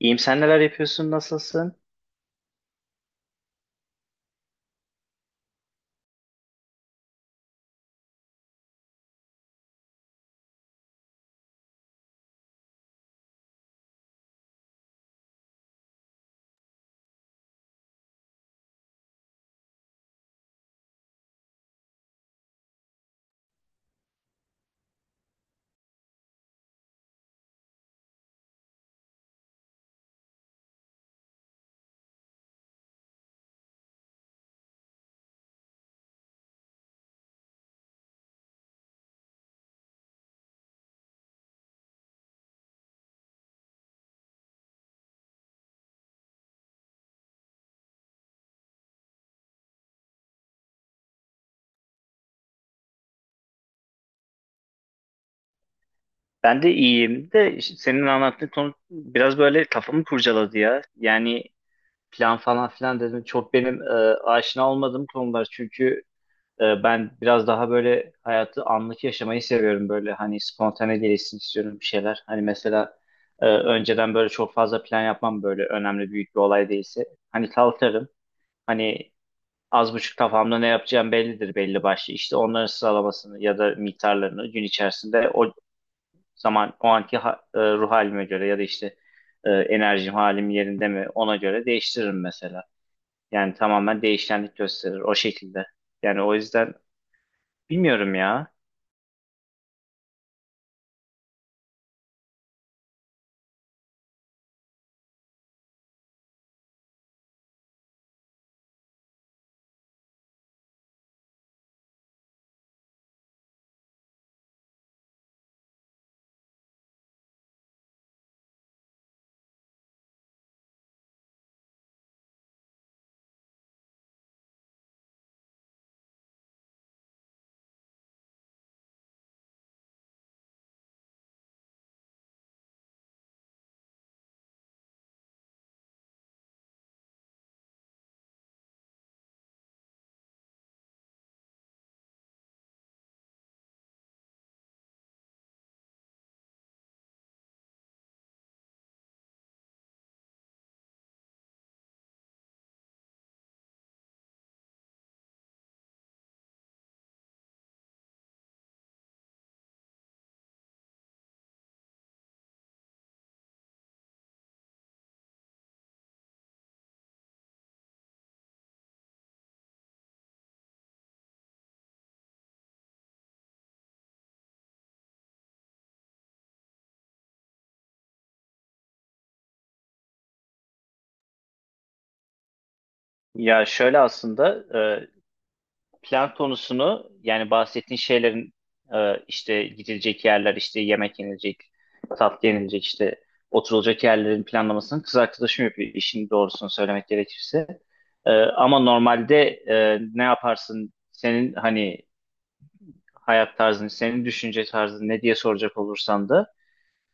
İyiyim, sen neler yapıyorsun, nasılsın? Ben de iyiyim de işte senin anlattığın konu biraz böyle kafamı kurcaladı ya. Yani plan falan filan dedim, çok benim aşina olmadığım konular çünkü ben biraz daha böyle hayatı anlık yaşamayı seviyorum, böyle hani spontane gelişsin istiyorum bir şeyler. Hani mesela önceden böyle çok fazla plan yapmam, böyle önemli büyük bir olay değilse. Hani kalkarım, hani az buçuk kafamda ne yapacağım bellidir, belli başlı. İşte onların sıralamasını ya da miktarlarını gün içerisinde o zaman o anki ruh halime göre ya da işte enerjim, halim yerinde mi, ona göre değiştiririm mesela. Yani tamamen değişkenlik gösterir o şekilde. Yani o yüzden bilmiyorum ya. Ya şöyle aslında, e, plan konusunu, yani bahsettiğin şeylerin, işte gidilecek yerler, işte yemek yenilecek, tatlı yenilecek, işte oturulacak yerlerin planlamasını kız arkadaşım yapıyor, işin doğrusunu söylemek gerekirse. Ama normalde ne yaparsın, senin hani hayat tarzın, senin düşünce tarzın ne diye soracak olursan da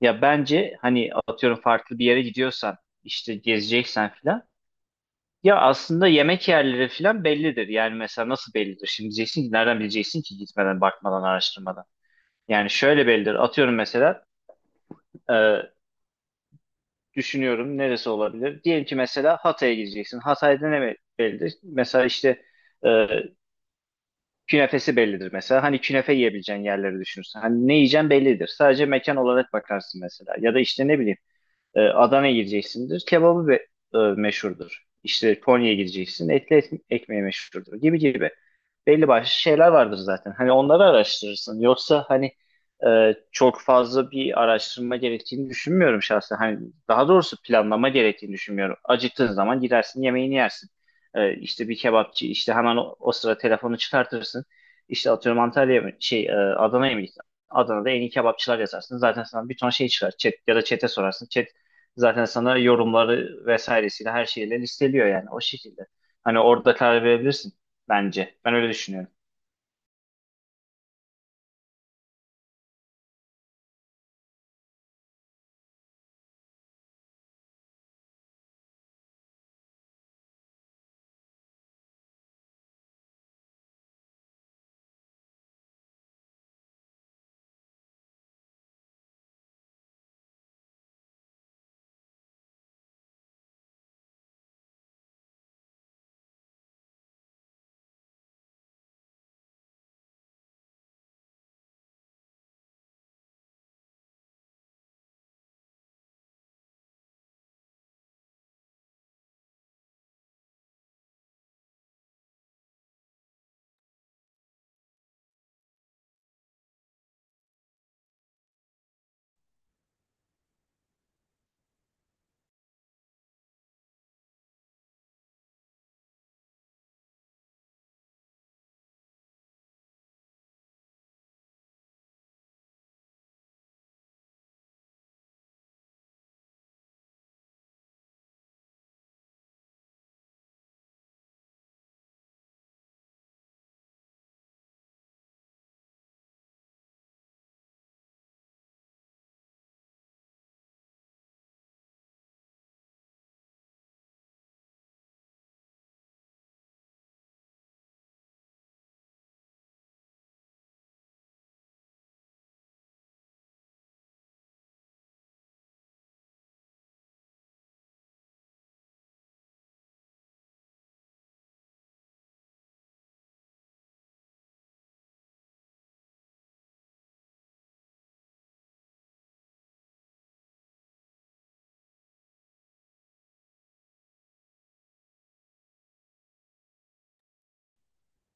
ya bence hani atıyorum farklı bir yere gidiyorsan, işte gezeceksen filan, ya aslında yemek yerleri falan bellidir. Yani mesela nasıl bellidir? Şimdi diyeceksin ki nereden bileceksin ki gitmeden, bakmadan, araştırmadan. Yani şöyle bellidir. Atıyorum mesela e, düşünüyorum neresi olabilir? Diyelim ki mesela Hatay'a gideceksin. Hatay'da ne bellidir? Mesela işte e, künefesi bellidir mesela. Hani künefe yiyebileceğin yerleri düşünürsen, hani ne yiyeceğin bellidir. Sadece mekan olarak bakarsın mesela. Ya da işte ne bileyim, Adana'ya gideceksindir. Kebabı meşhurdur. İşte Konya'ya gideceksin. Etli ekmeği meşhurdur, gibi gibi. Belli başlı şeyler vardır zaten. Hani onları araştırırsın. Yoksa hani çok fazla bir araştırma gerektiğini düşünmüyorum şahsen. Hani daha doğrusu planlama gerektiğini düşünmüyorum. Acıktığın zaman gidersin, yemeğini yersin. İşte bir kebapçı, işte hemen o sıra telefonu çıkartırsın. İşte atıyorum Antalya'ya mı, Adana'ya mı gittin? Adana'da en iyi kebapçılar yazarsın. Zaten sana bir ton şey çıkar. Chat ya da chat'e sorarsın. Chat zaten sana yorumları vesairesiyle her şeyle listeliyor, yani o şekilde. Hani orada karar verebilirsin bence. Ben öyle düşünüyorum.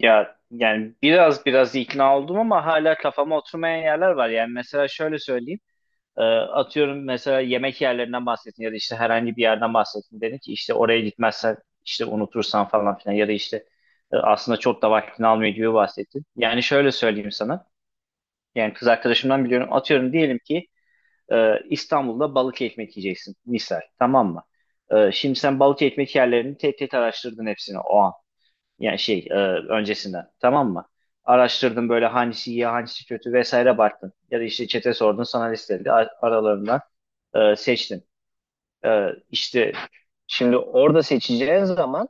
Ya yani biraz ikna oldum ama hala kafama oturmayan yerler var. Yani mesela şöyle söyleyeyim. Atıyorum mesela yemek yerlerinden bahsettin ya da işte herhangi bir yerden bahsettin. Dedin ki işte oraya gitmezsen, işte unutursan falan filan ya da işte aslında çok da vaktini almıyor gibi bahsettin. Yani şöyle söyleyeyim sana. Yani kız arkadaşımdan biliyorum. Atıyorum diyelim ki İstanbul'da balık ekmek yiyeceksin misal, tamam mı? Şimdi sen balık ekmek yerlerini tek tek araştırdın hepsini o an. Yani öncesinden, tamam mı? Araştırdın, böyle hangisi iyi, hangisi kötü vesaire baktın. Ya da işte çete sordun, sana listeledi. Aralarından seçtin. İşte şimdi orada seçeceğin zaman,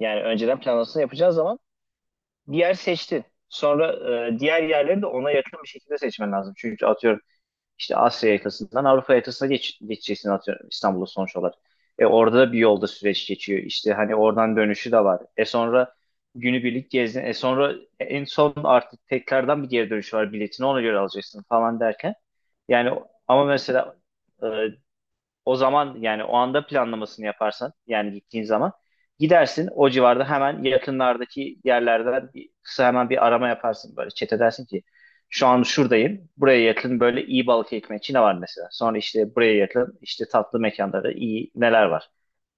yani önceden planlamasını yapacağın zaman bir yer seçtin. Sonra diğer yerleri de ona yakın bir şekilde seçmen lazım. Çünkü atıyorum işte Asya yakasından Avrupa yakasına geçeceksin, atıyorum İstanbul'a, sonuç olarak. E orada da bir yolda süreç geçiyor. İşte hani oradan dönüşü de var. E sonra günübirlik gezdin. E sonra en son artık tekrardan bir geri dönüş var. Biletini ona göre alacaksın falan derken. Yani ama mesela e, o zaman, yani o anda planlamasını yaparsan, yani gittiğin zaman gidersin, o civarda hemen yakınlardaki yerlerden bir, kısa hemen bir arama yaparsın, böyle chat edersin ki şu an şuradayım, buraya yakın böyle iyi balık ekmek Çin'e var mesela, sonra işte buraya yakın işte tatlı mekanları iyi neler var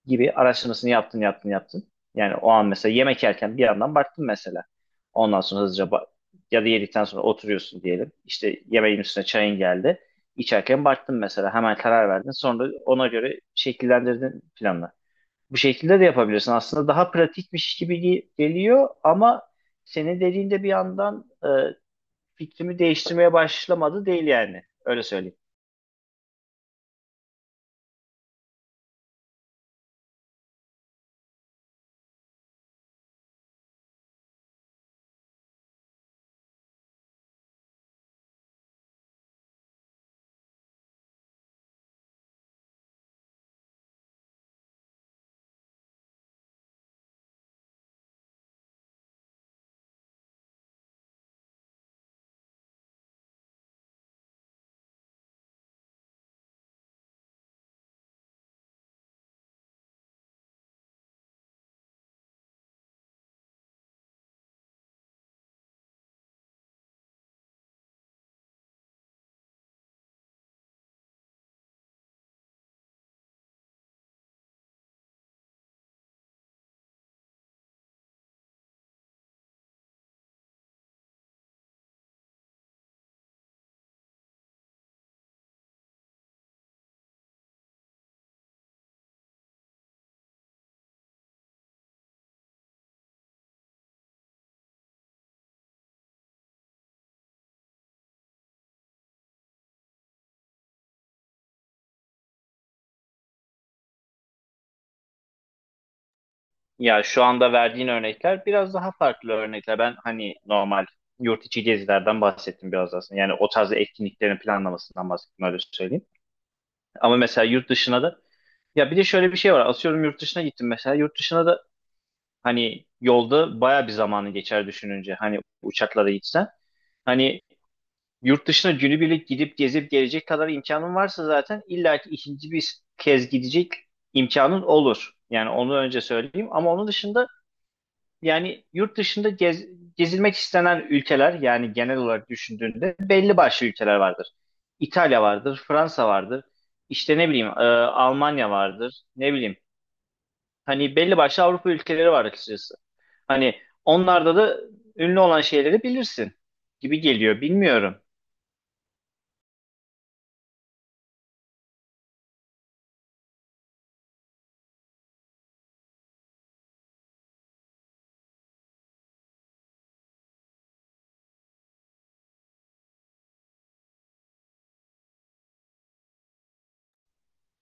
gibi araştırmasını yaptın. Yani o an mesela yemek yerken bir yandan baktın mesela. Ondan sonra hızlıca ya da yedikten sonra oturuyorsun diyelim. İşte yemeğin üstüne çayın geldi. İçerken baktın mesela, hemen karar verdin. Sonra ona göre şekillendirdin planla. Bu şekilde de yapabilirsin. Aslında daha pratikmiş gibi geliyor ama senin dediğinde bir yandan fikrimi değiştirmeye başlamadı değil yani. Öyle söyleyeyim. Ya şu anda verdiğin örnekler biraz daha farklı örnekler. Ben hani normal yurt içi gezilerden bahsettim biraz aslında. Yani o tarz etkinliklerin planlamasından bahsettim, öyle söyleyeyim. Ama mesela yurt dışına da, ya bir de şöyle bir şey var. Asıyorum yurt dışına gittim mesela. Yurt dışına da hani yolda baya bir zamanı geçer düşününce. Hani uçaklara gitsen. Hani yurt dışına günübirlik gidip gezip gelecek kadar imkanın varsa zaten illaki ikinci bir kez gidecek imkanın olur. Yani onu önce söyleyeyim. Ama onun dışında, yani yurt dışında gezilmek istenen ülkeler, yani genel olarak düşündüğünde belli başlı ülkeler vardır. İtalya vardır, Fransa vardır, işte ne bileyim Almanya vardır, ne bileyim. Hani belli başlı Avrupa ülkeleri var açıkçası. Hani onlarda da ünlü olan şeyleri bilirsin gibi geliyor. Bilmiyorum.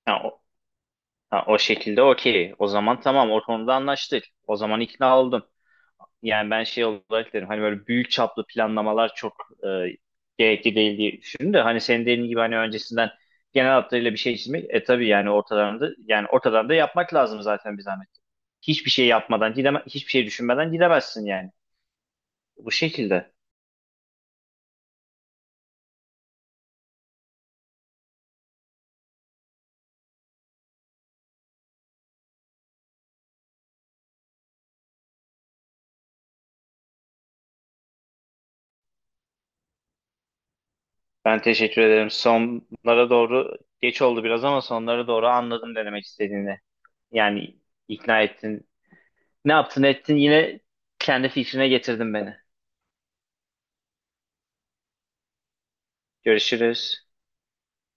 Ha, o, ha, o şekilde okey. O zaman tamam, o konuda anlaştık. O zaman ikna oldum. Yani ben şey olarak derim, hani böyle büyük çaplı planlamalar çok e, gerekli değil diye düşündüm de hani senin dediğin gibi hani öncesinden genel hatlarıyla bir şey çizmek, e tabii yani ortadan da yapmak lazım zaten bir zahmet. Hiçbir şey yapmadan hiçbir şey düşünmeden gidemezsin yani. Bu şekilde. Ben teşekkür ederim. Sonlara doğru geç oldu biraz ama sonlara doğru anladım ne demek istediğini. Yani ikna ettin. Ne yaptın ettin, yine kendi fikrine getirdin beni. Görüşürüz.